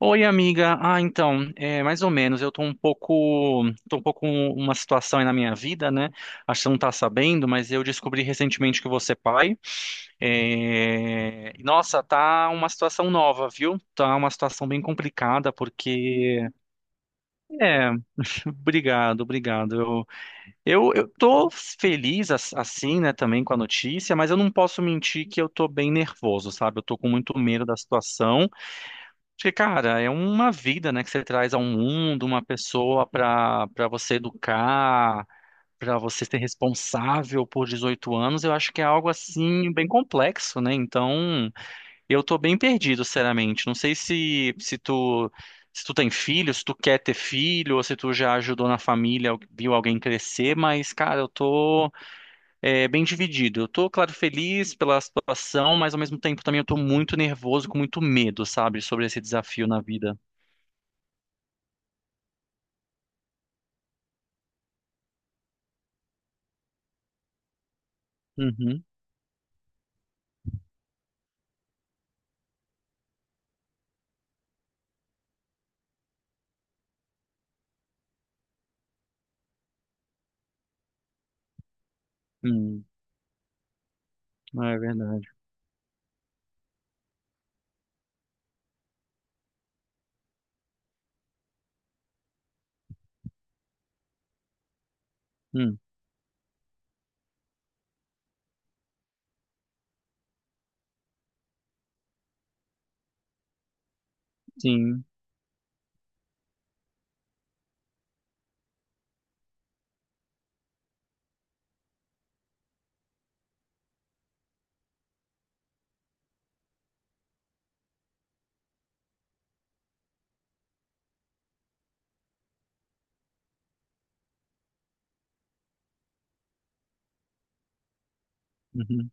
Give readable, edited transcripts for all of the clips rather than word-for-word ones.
Oi, amiga. Mais ou menos. Eu tô um pouco com uma situação aí na minha vida, né? Acho que você não tá sabendo, mas eu descobri recentemente que você é pai. Nossa, tá uma situação nova, viu? Tá uma situação bem complicada, porque... É, obrigado, obrigado. Eu tô feliz, assim, né, também com a notícia, mas eu não posso mentir que eu tô bem nervoso, sabe? Eu tô com muito medo da situação. Porque, cara, é uma vida, né, que você traz ao mundo, uma pessoa para você educar, para você ser responsável por 18 anos, eu acho que é algo assim bem complexo, né? Então, eu tô bem perdido, sinceramente. Não sei se tu se tu tem filho, se tu quer ter filho, ou se tu já ajudou na família, viu alguém crescer, mas, cara, bem dividido. Eu tô, claro, feliz pela situação, mas ao mesmo tempo também eu tô muito nervoso, com muito medo, sabe, sobre esse desafio na vida. Uhum. Hum. Ah, é verdade. Hum. Sim. Uhum.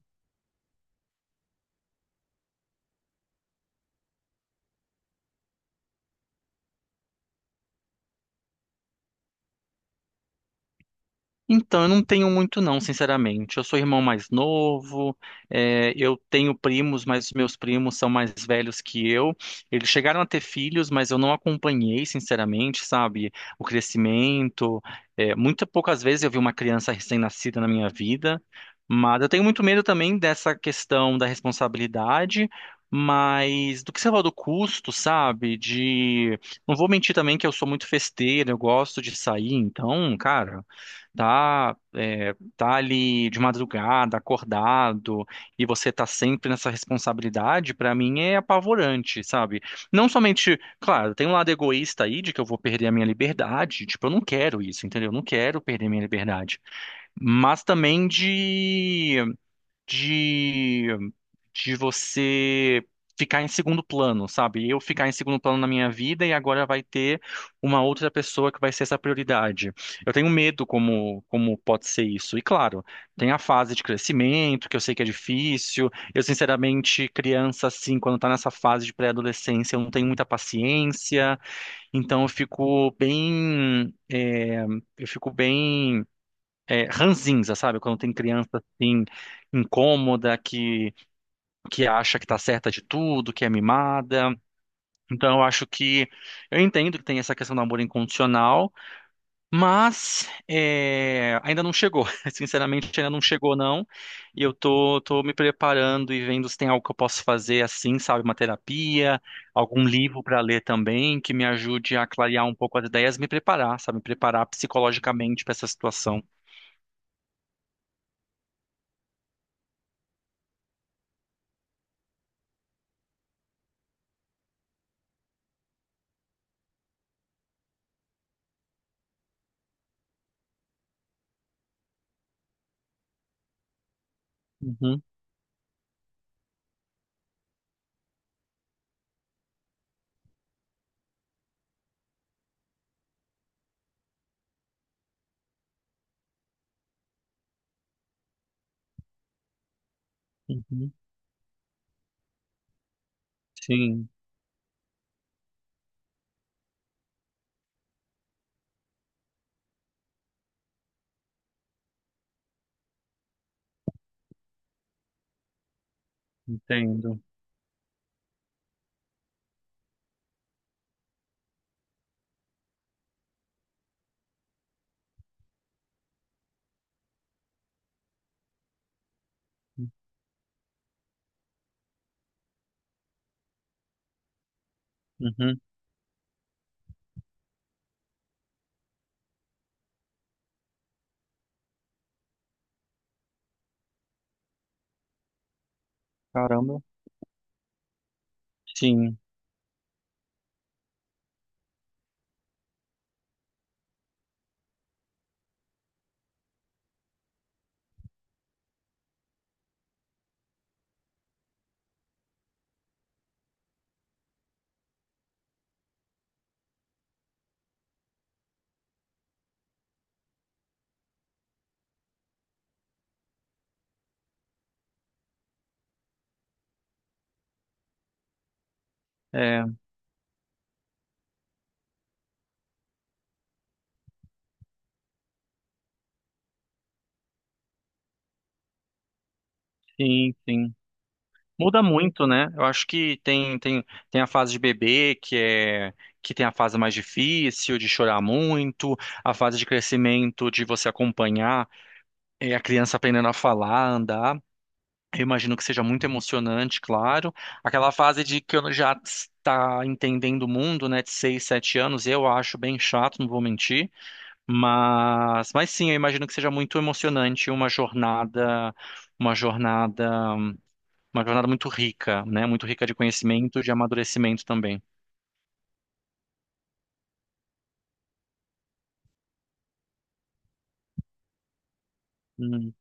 Então, eu não tenho muito não, sinceramente. Eu sou irmão mais novo, eu tenho primos, mas os meus primos são mais velhos que eu. Eles chegaram a ter filhos, mas eu não acompanhei, sinceramente, sabe, o crescimento. Muito poucas vezes eu vi uma criança recém-nascida na minha vida, mas eu tenho muito medo também dessa questão da responsabilidade. Mas do que você falou do custo, sabe? De. Não vou mentir também que eu sou muito festeiro, eu gosto de sair, então, cara tá, tá ali de madrugada, acordado, e você tá sempre nessa responsabilidade, pra mim é apavorante, sabe? Não somente, claro, tem um lado egoísta aí de que eu vou perder a minha liberdade, tipo, eu não quero isso, entendeu? Eu não quero perder minha liberdade. Mas também de você ficar em segundo plano, sabe? Eu ficar em segundo plano na minha vida e agora vai ter uma outra pessoa que vai ser essa prioridade. Eu tenho medo como pode ser isso. E claro, tem a fase de crescimento, que eu sei que é difícil. Eu, sinceramente, criança assim, quando tá nessa fase de pré-adolescência, eu não tenho muita paciência, então eu fico bem ranzinza, sabe? Quando tem criança assim incômoda que acha que tá certa de tudo, que é mimada. Então eu acho que eu entendo que tem essa questão do amor incondicional, mas ainda não chegou. Sinceramente, ainda não chegou, não. E tô me preparando e vendo se tem algo que eu posso fazer assim, sabe? Uma terapia, algum livro para ler também, que me ajude a clarear um pouco as ideias, me preparar, sabe? Me preparar psicologicamente para essa situação. Uhum, uhum. Sim, entendo. Uhum. Caramba. Sim. É. Sim, sim. Muda muito, né? Eu acho que tem a fase de bebê, que é que tem a fase mais difícil, de chorar muito, a fase de crescimento, de você acompanhar a criança aprendendo a falar, andar. Eu imagino que seja muito emocionante, claro. Aquela fase de que eu já está entendendo o mundo, né, de 6, 7 anos, eu acho bem chato, não vou mentir. Mas sim, eu imagino que seja muito emocionante uma jornada, uma jornada. Uma jornada muito rica, né? Muito rica de conhecimento, de amadurecimento também. Hum,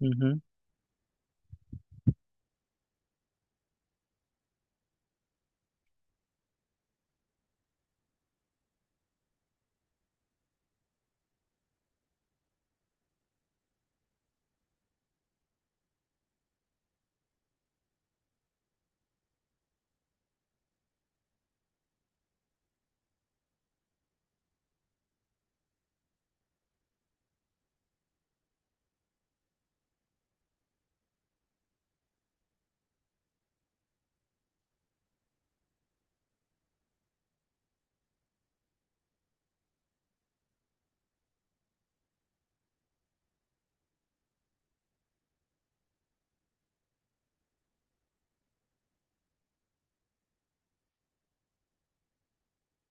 uhum,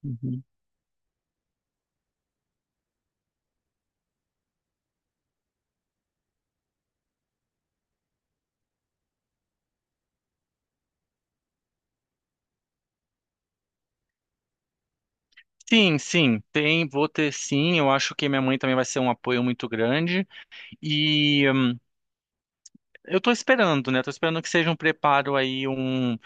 uhum. Sim, sim, tem, vou ter sim. Eu acho que minha mãe também vai ser um apoio muito grande. E hum, eu tô esperando, né? Tô esperando que seja um preparo aí, um,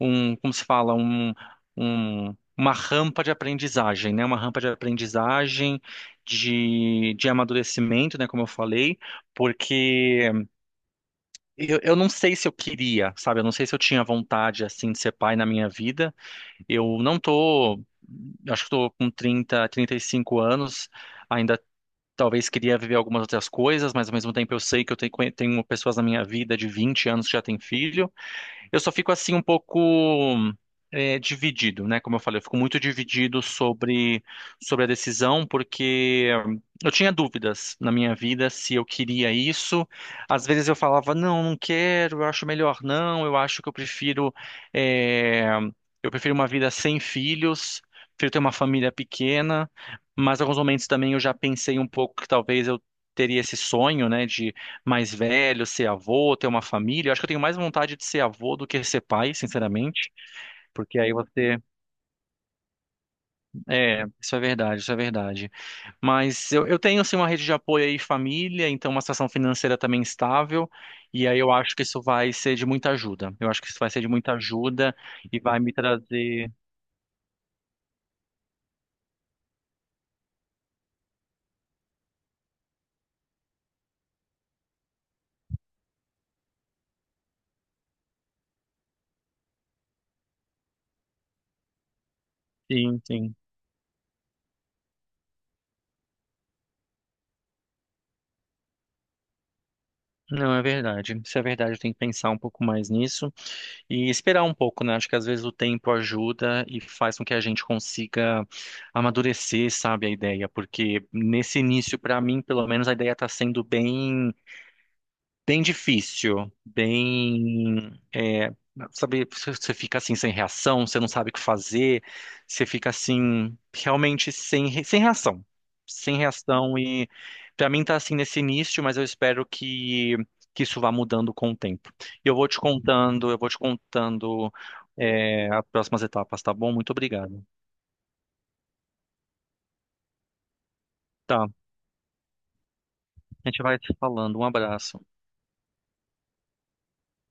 um, como se fala, um, uma rampa de aprendizagem, né? Uma rampa de aprendizagem, de amadurecimento, né? Como eu falei, porque eu não sei se eu queria, sabe? Eu não sei se eu tinha vontade, assim, de ser pai na minha vida. Eu não tô... eu acho que tô com 30, 35 anos. Ainda talvez queria viver algumas outras coisas, mas ao mesmo tempo eu sei que tenho pessoas na minha vida de 20 anos que já têm filho. Eu só fico assim um pouco dividido, né? Como eu falei, eu fico muito dividido sobre a decisão, porque eu tinha dúvidas na minha vida se eu queria isso. Às vezes eu falava, não, não quero, eu acho melhor não, eu acho que eu prefiro, é, eu prefiro uma vida sem filhos, prefiro ter uma família pequena, mas em alguns momentos também eu já pensei um pouco que talvez eu teria esse sonho, né? De mais velho, ser avô, ter uma família. Eu acho que eu tenho mais vontade de ser avô do que ser pai, sinceramente, porque aí você. É, isso é verdade. Mas eu tenho, assim, uma rede de apoio aí, família, então uma situação financeira também estável, e aí eu acho que isso vai ser de muita ajuda. Eu acho que isso vai ser de muita ajuda e vai me trazer. Sim, sim. Não, é verdade. Isso é verdade, eu tenho que pensar um pouco mais nisso e esperar um pouco, né? Acho que às vezes o tempo ajuda e faz com que a gente consiga amadurecer, sabe, a ideia, porque nesse início, para mim, pelo menos, a ideia está sendo bem. Bem difícil, sabe, você fica assim sem reação, você não sabe o que fazer, você fica assim realmente sem reação, sem reação e pra mim tá assim nesse início, mas eu espero que isso vá mudando com o tempo. E eu vou te contando as próximas etapas, tá bom? Muito obrigado. Tá, a gente vai te falando. Um abraço.